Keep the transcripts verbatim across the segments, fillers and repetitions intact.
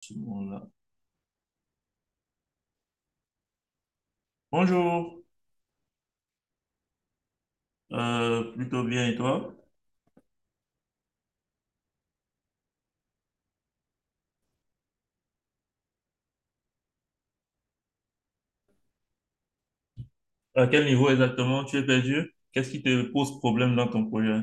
Ce moment-là. Bonjour. Euh, plutôt bien et toi? À quel niveau exactement tu es perdu? Qu'est-ce qui te pose problème dans ton projet?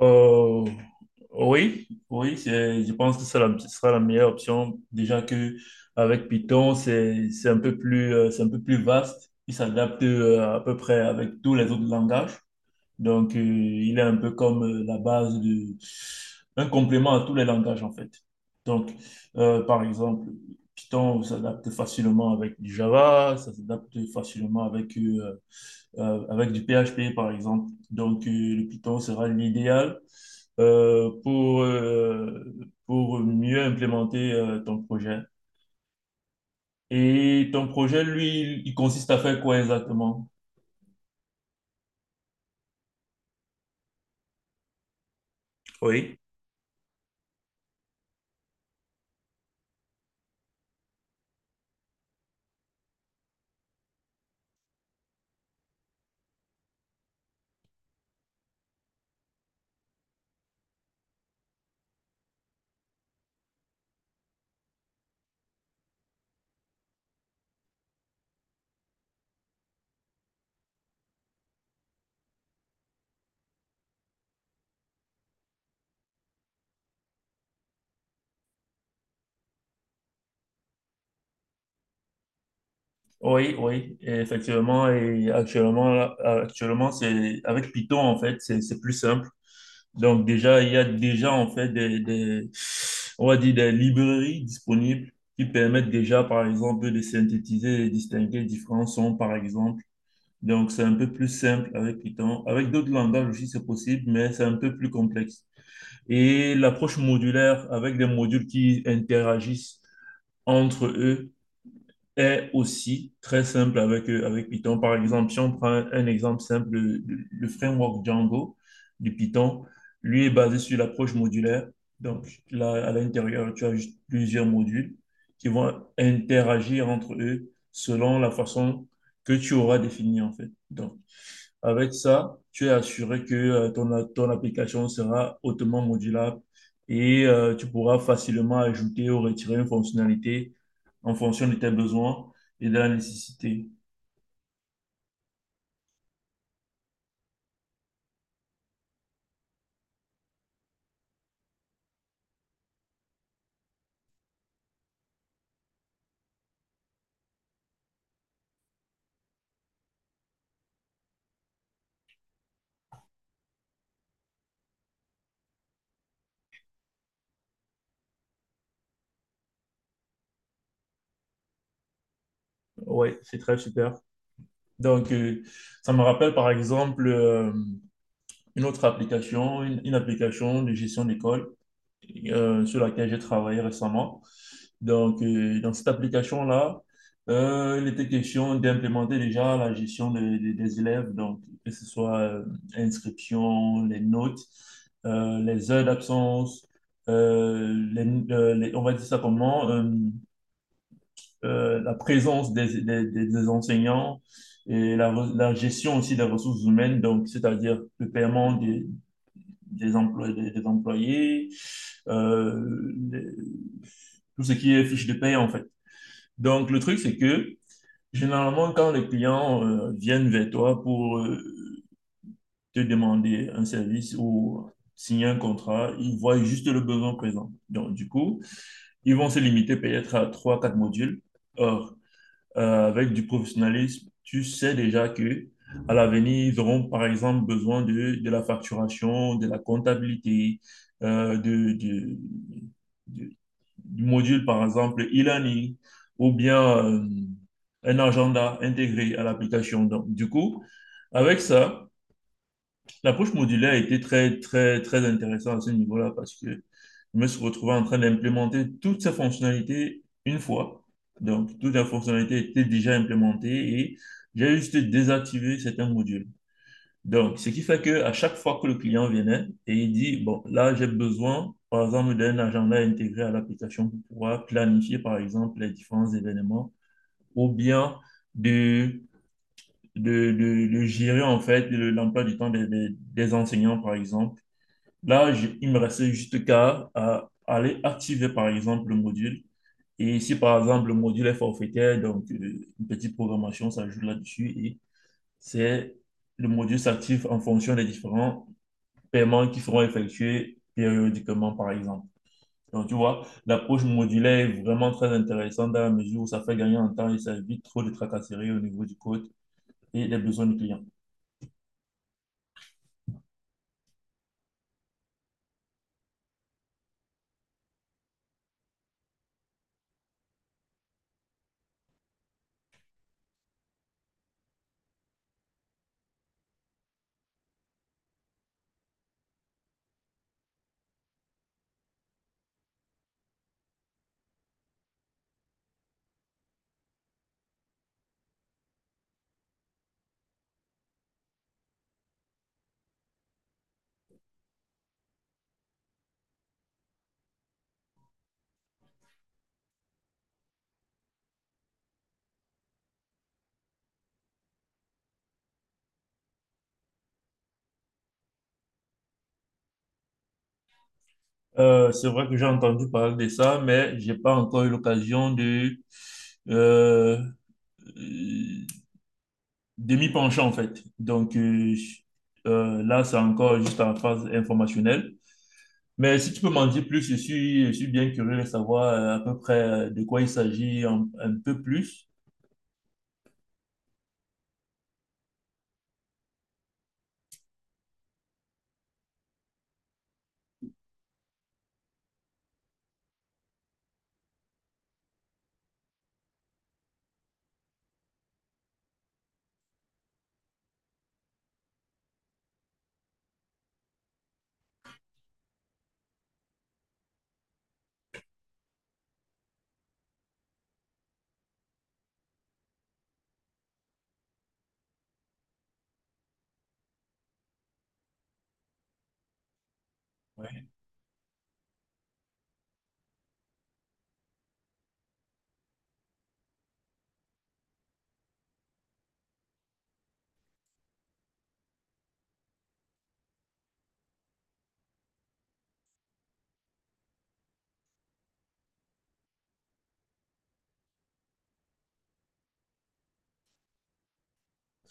Euh, oui, oui, c'est- je pense que c'est la- ce sera la meilleure option. Déjà que avec Python, c'est c'est un peu plus euh, c'est un peu plus vaste. Il s'adapte euh, à peu près avec tous les autres langages. Donc, euh, il est un peu comme euh, la base de... un complément à tous les langages, en fait. Donc, euh, par exemple, Python s'adapte facilement avec du Java, ça s'adapte facilement avec, euh, euh, avec du P H P, par exemple. Donc, euh, le Python sera l'idéal euh, pour, euh, pour mieux implémenter euh, ton projet. Et ton projet, lui, il il consiste à faire quoi exactement? Oui. Oui, oui, et effectivement. Et actuellement, là, actuellement, c'est avec Python, en fait, c'est c'est plus simple. Donc déjà, il y a déjà, en fait, des, des- on va dire des librairies disponibles qui permettent déjà, par exemple, de synthétiser et distinguer différents sons, par exemple. Donc c'est un peu plus simple avec Python. Avec d'autres langages aussi, c'est possible, mais c'est un peu plus complexe. Et l'approche modulaire avec des modules qui interagissent entre eux est aussi très simple avec, euh, avec Python. Par exemple, si on prend un, un exemple simple, le, le framework Django du Python, lui est basé sur l'approche modulaire. Donc là, à l'intérieur, tu as juste plusieurs modules qui vont interagir entre eux selon la façon que tu auras définie en fait. Donc, avec ça, tu es assuré que euh, ton, ton application sera hautement modulable et euh, tu pourras facilement ajouter ou retirer une fonctionnalité en fonction de tes besoins et de la nécessité. Ouais, c'est très super. Donc, euh, ça me rappelle par exemple euh, une autre application, une, une application de gestion d'école euh, sur laquelle j'ai travaillé récemment. Donc, euh, dans cette application-là, euh, il était question d'implémenter déjà la gestion de- de- des élèves, donc que ce soit euh, inscription, les notes, euh, les heures d'absence, euh, les- euh, les- on va dire ça comment, euh, euh, la présence des, des- des- des enseignants et la, re- la gestion aussi des ressources humaines, donc c'est-à-dire le paiement des, des, emplois, des, des employés, euh, les- tout ce qui est fiche de paie en fait. Donc le truc c'est que généralement quand les clients euh, viennent vers toi pour euh, te demander un service ou signer un contrat, ils voient juste le besoin présent. Donc du coup, ils vont se limiter peut-être à trois, quatre modules. Or, euh, avec du professionnalisme, tu sais déjà que à l'avenir, ils auront par exemple besoin de, de la facturation, de la comptabilité, euh, de, de- de- du module par exemple e-learning ou bien euh, un agenda intégré à l'application. Donc, du coup, avec ça, L'approche modulaire a été très, très, très intéressante à ce niveau-là parce que je me suis retrouvé en train d'implémenter toutes ces fonctionnalités une fois. Donc, toutes les fonctionnalités étaient déjà implémentées et j'ai juste désactivé certains modules. Donc, ce qui fait que à chaque fois que le client venait et il dit, bon, là, j'ai besoin, par exemple, d'un agenda intégré à l'application pour pouvoir planifier, par exemple, les différents événements ou bien de, de, de, de gérer, en fait, l'emploi du temps des, des, des enseignants, par exemple, Là, je- il me restait juste qu'à à aller activer, par exemple, le module. Et si, par exemple, le module est forfaitaire, donc euh, une petite programmation s'ajoute là-dessus et c'est le module s'active en fonction des différents paiements qui seront effectués périodiquement, par exemple. Donc, tu vois, l'approche modulaire est vraiment très intéressante dans la mesure où ça fait gagner en temps et ça évite trop de tracasseries au niveau du code et des besoins du client. Euh, c'est vrai que j'ai entendu parler de ça, mais j'ai pas encore eu l'occasion de, euh, euh, de m'y pencher en fait. Donc euh, je- euh, là, c'est encore juste en phase informationnelle. Mais si tu peux m'en dire plus, je suis, je suis bien curieux de savoir euh, à peu près euh, de quoi il s'agit un, un peu plus. Ouais.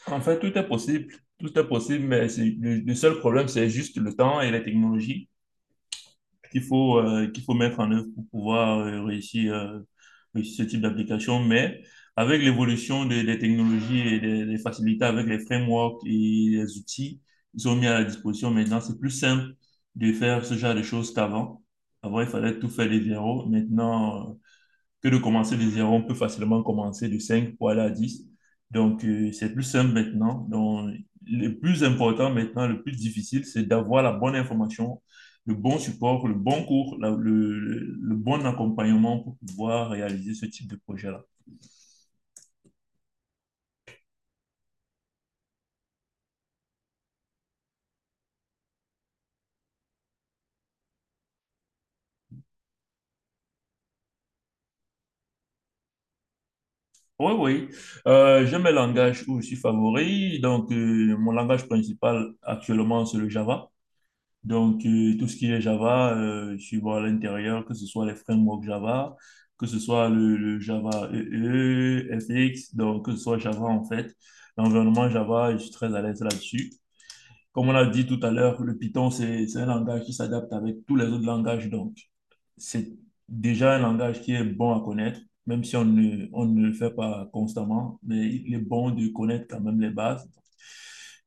En fait, tout est possible, tout est possible, mais c'est- le, le seul problème, c'est juste le temps et la technologie. qu'il faut, euh, qu'il faut mettre en œuvre pour pouvoir euh, réussir, euh, réussir ce type d'application. Mais avec l'évolution des, des technologies et des, des facilités avec les frameworks et les outils, ils ont mis à la disposition maintenant, c'est plus simple de faire ce genre de choses qu'avant. Avant, il fallait tout faire de zéro. Maintenant, que de commencer de zéro. On peut facilement commencer de cinq pour aller à dix Donc, euh, c'est plus simple maintenant. Donc, le plus important maintenant, le plus difficile, c'est d'avoir la bonne information, le bon support, le bon cours, la- le, le- le bon accompagnement pour pouvoir réaliser ce type de projet-là. Oui, oui. Euh, j'aime le langage où je suis favori. Donc, euh, mon langage principal actuellement, c'est le Java. Donc, euh, tout ce qui est Java, euh, je suis bon à l'intérieur, que ce soit les frameworks Java, que ce soit le, le Java E E, F X, donc que ce soit Java en fait. L'environnement Java, je suis très à l'aise là-dessus. Comme on a dit tout à l'heure, le Python, c'est c'est un langage qui s'adapte avec tous les autres langages. Donc, c'est déjà un langage qui est bon à connaître, même si on ne, on ne le fait pas constamment, mais il est bon de connaître quand même les bases.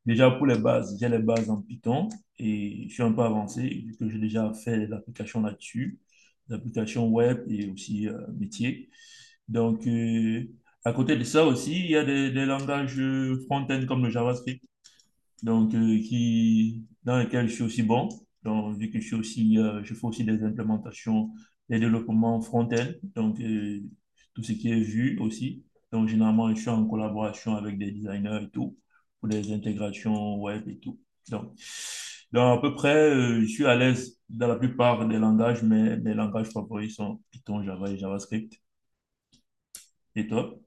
Déjà, pour les bases, j'ai les bases en Python et je suis un peu avancé, vu que j'ai déjà fait des applications là-dessus, des applications web et aussi euh, métier. Donc, euh, à côté de ça aussi, il y a des, des langages euh, front-end comme le JavaScript donc euh, qui, dans lequel je suis aussi bon. Donc, vu que je suis aussi, euh, je fais aussi des implémentations, des développements front-end, donc euh, tout ce qui est vu aussi. Donc, généralement, je suis en collaboration avec des designers et tout, pour des intégrations web et tout. Donc, donc à peu près, euh, je suis à l'aise dans la plupart des langages, mais mes langages favoris sont Python, Java et JavaScript. Et toi?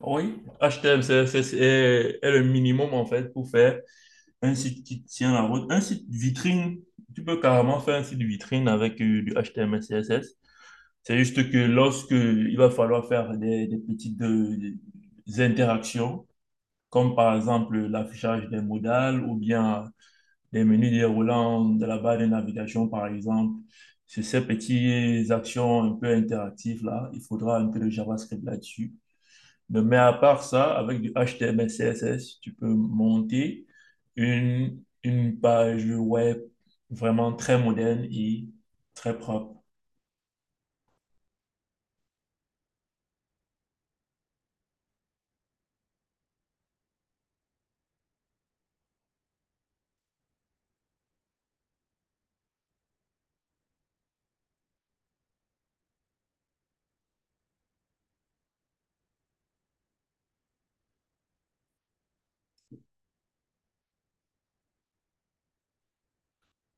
Oui, H T M L, C S S est, est le minimum en fait pour faire Un site qui tient la route, un site vitrine, tu peux carrément faire un site vitrine avec euh, du H T M L, C S S. C'est juste que lorsque il va falloir faire des, des petites euh, des interactions, comme par exemple l'affichage des modales ou bien les menus déroulants de la barre de navigation, par exemple, c'est ces petites actions un peu interactives là, il faudra un peu de JavaScript là-dessus. Mais, mais à part ça, avec du H T M L, C S S, tu peux monter une, une page web vraiment très moderne et très propre.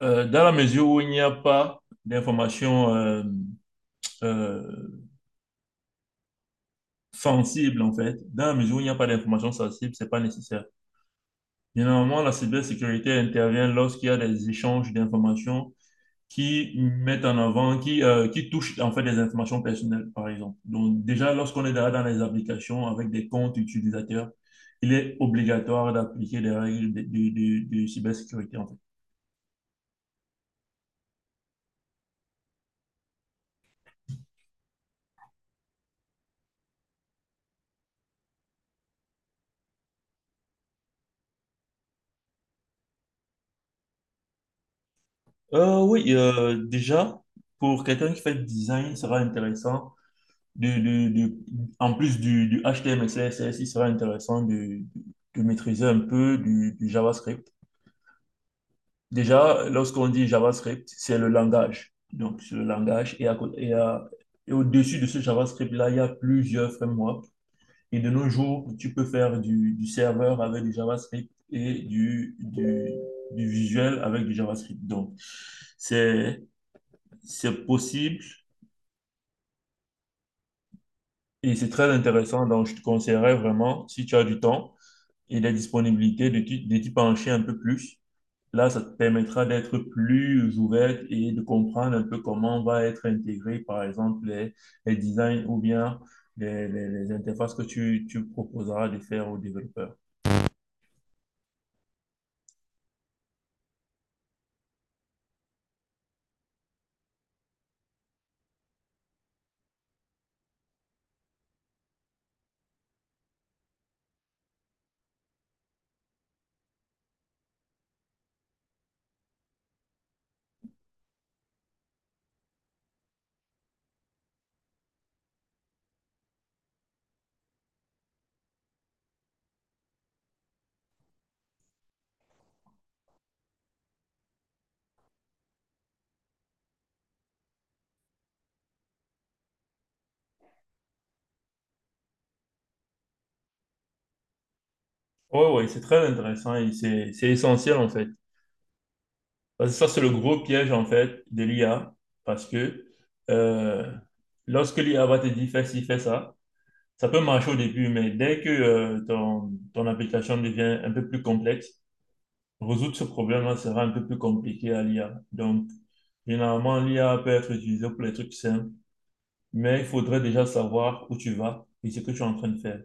Euh, dans la mesure où il n'y a pas d'informations euh, euh, sensibles, en fait, dans la mesure où il n'y a pas d'informations sensibles, c'est pas nécessaire. Généralement, la cybersécurité intervient lorsqu'il y a des échanges d'informations qui mettent en avant, qui, euh, qui touchent en fait des informations personnelles, par exemple. Donc déjà, lorsqu'on est dans dans les applications avec des comptes utilisateurs, il est obligatoire d'appliquer les règles de, de, de- de cybersécurité, en fait. Euh, oui, euh, déjà, pour quelqu'un qui fait du design, il sera intéressant, de, de, de- en plus du, du H T M L, C S S, il sera intéressant de, de maîtriser un peu du, du JavaScript Déjà, lorsqu'on dit JavaScript, c'est le langage. Donc, c'est le langage. Et, à cô- et à- et au-dessus de ce JavaScript-là, il y a plusieurs frameworks. Et de nos jours, tu peux faire du, du serveur avec du JavaScript et du, du, du visuel avec du JavaScript. Donc, c'est, c'est possible et c'est très intéressant. Donc, je te conseillerais vraiment, si tu as du temps et la disponibilité, de t'y de t'y pencher un peu plus Là, ça te permettra d'être plus ouverte et de comprendre un peu comment va être intégré, par exemple, les, les designs ou bien les, les- les interfaces que tu, tu proposeras de faire aux développeurs. Oui, oui, c'est très intéressant et c'est, c'est essentiel en fait. Parce que ça, c'est le gros piège en fait de l'I A parce que euh, lorsque l'I A va te dire fais ci, fais ça, ça peut marcher au début, mais dès que euh, ton, ton application devient un peu plus complexe, Résoudre ce problème-là sera un peu plus compliqué à l'I A. Donc, généralement, l'I A peut être utilisée pour les trucs simples, mais il faudrait déjà savoir où tu vas et ce que tu es en train de faire.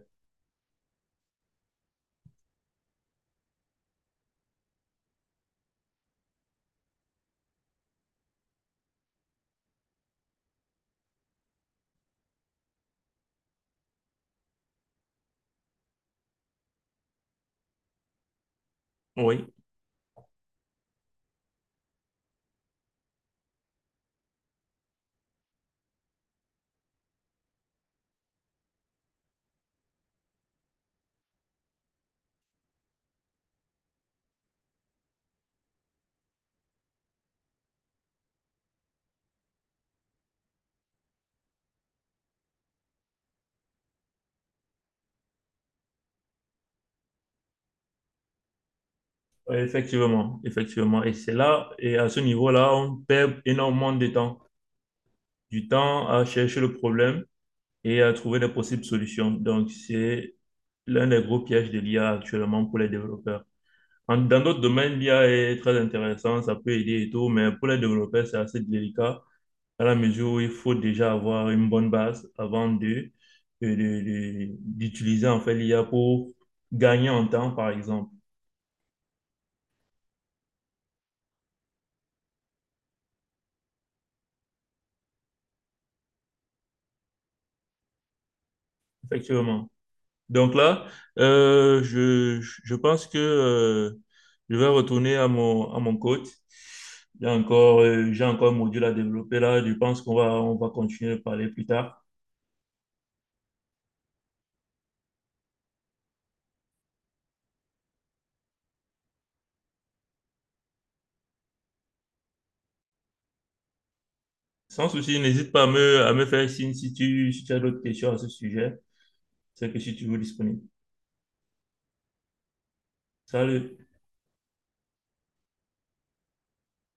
Oui, Oui, Effectivement, effectivement. Et c'est là, et à ce niveau-là, on perd énormément de temps. Du temps à chercher le problème et à trouver des possibles solutions. Donc, c'est l'un des gros pièges de l'I A actuellement pour les développeurs. En- Dans d'autres domaines, l'I A est très intéressant, ça peut aider et tout, mais pour les développeurs, c'est assez délicat à la mesure où il faut déjà avoir une bonne base avant de, de- de- de- d'utiliser en fait l'I A pour gagner en temps, par exemple. Effectivement. Donc là, euh, je, je pense que euh, je vais retourner à mon, à mon, coach. J'ai encore, euh, j'ai encore un module à développer là. Je pense qu'on va, on va continuer de parler plus tard. Sans souci, n'hésite pas à me, à me, faire signe si tu, si tu as d'autres questions à ce sujet. C'est que si tu veux disponible. Salut.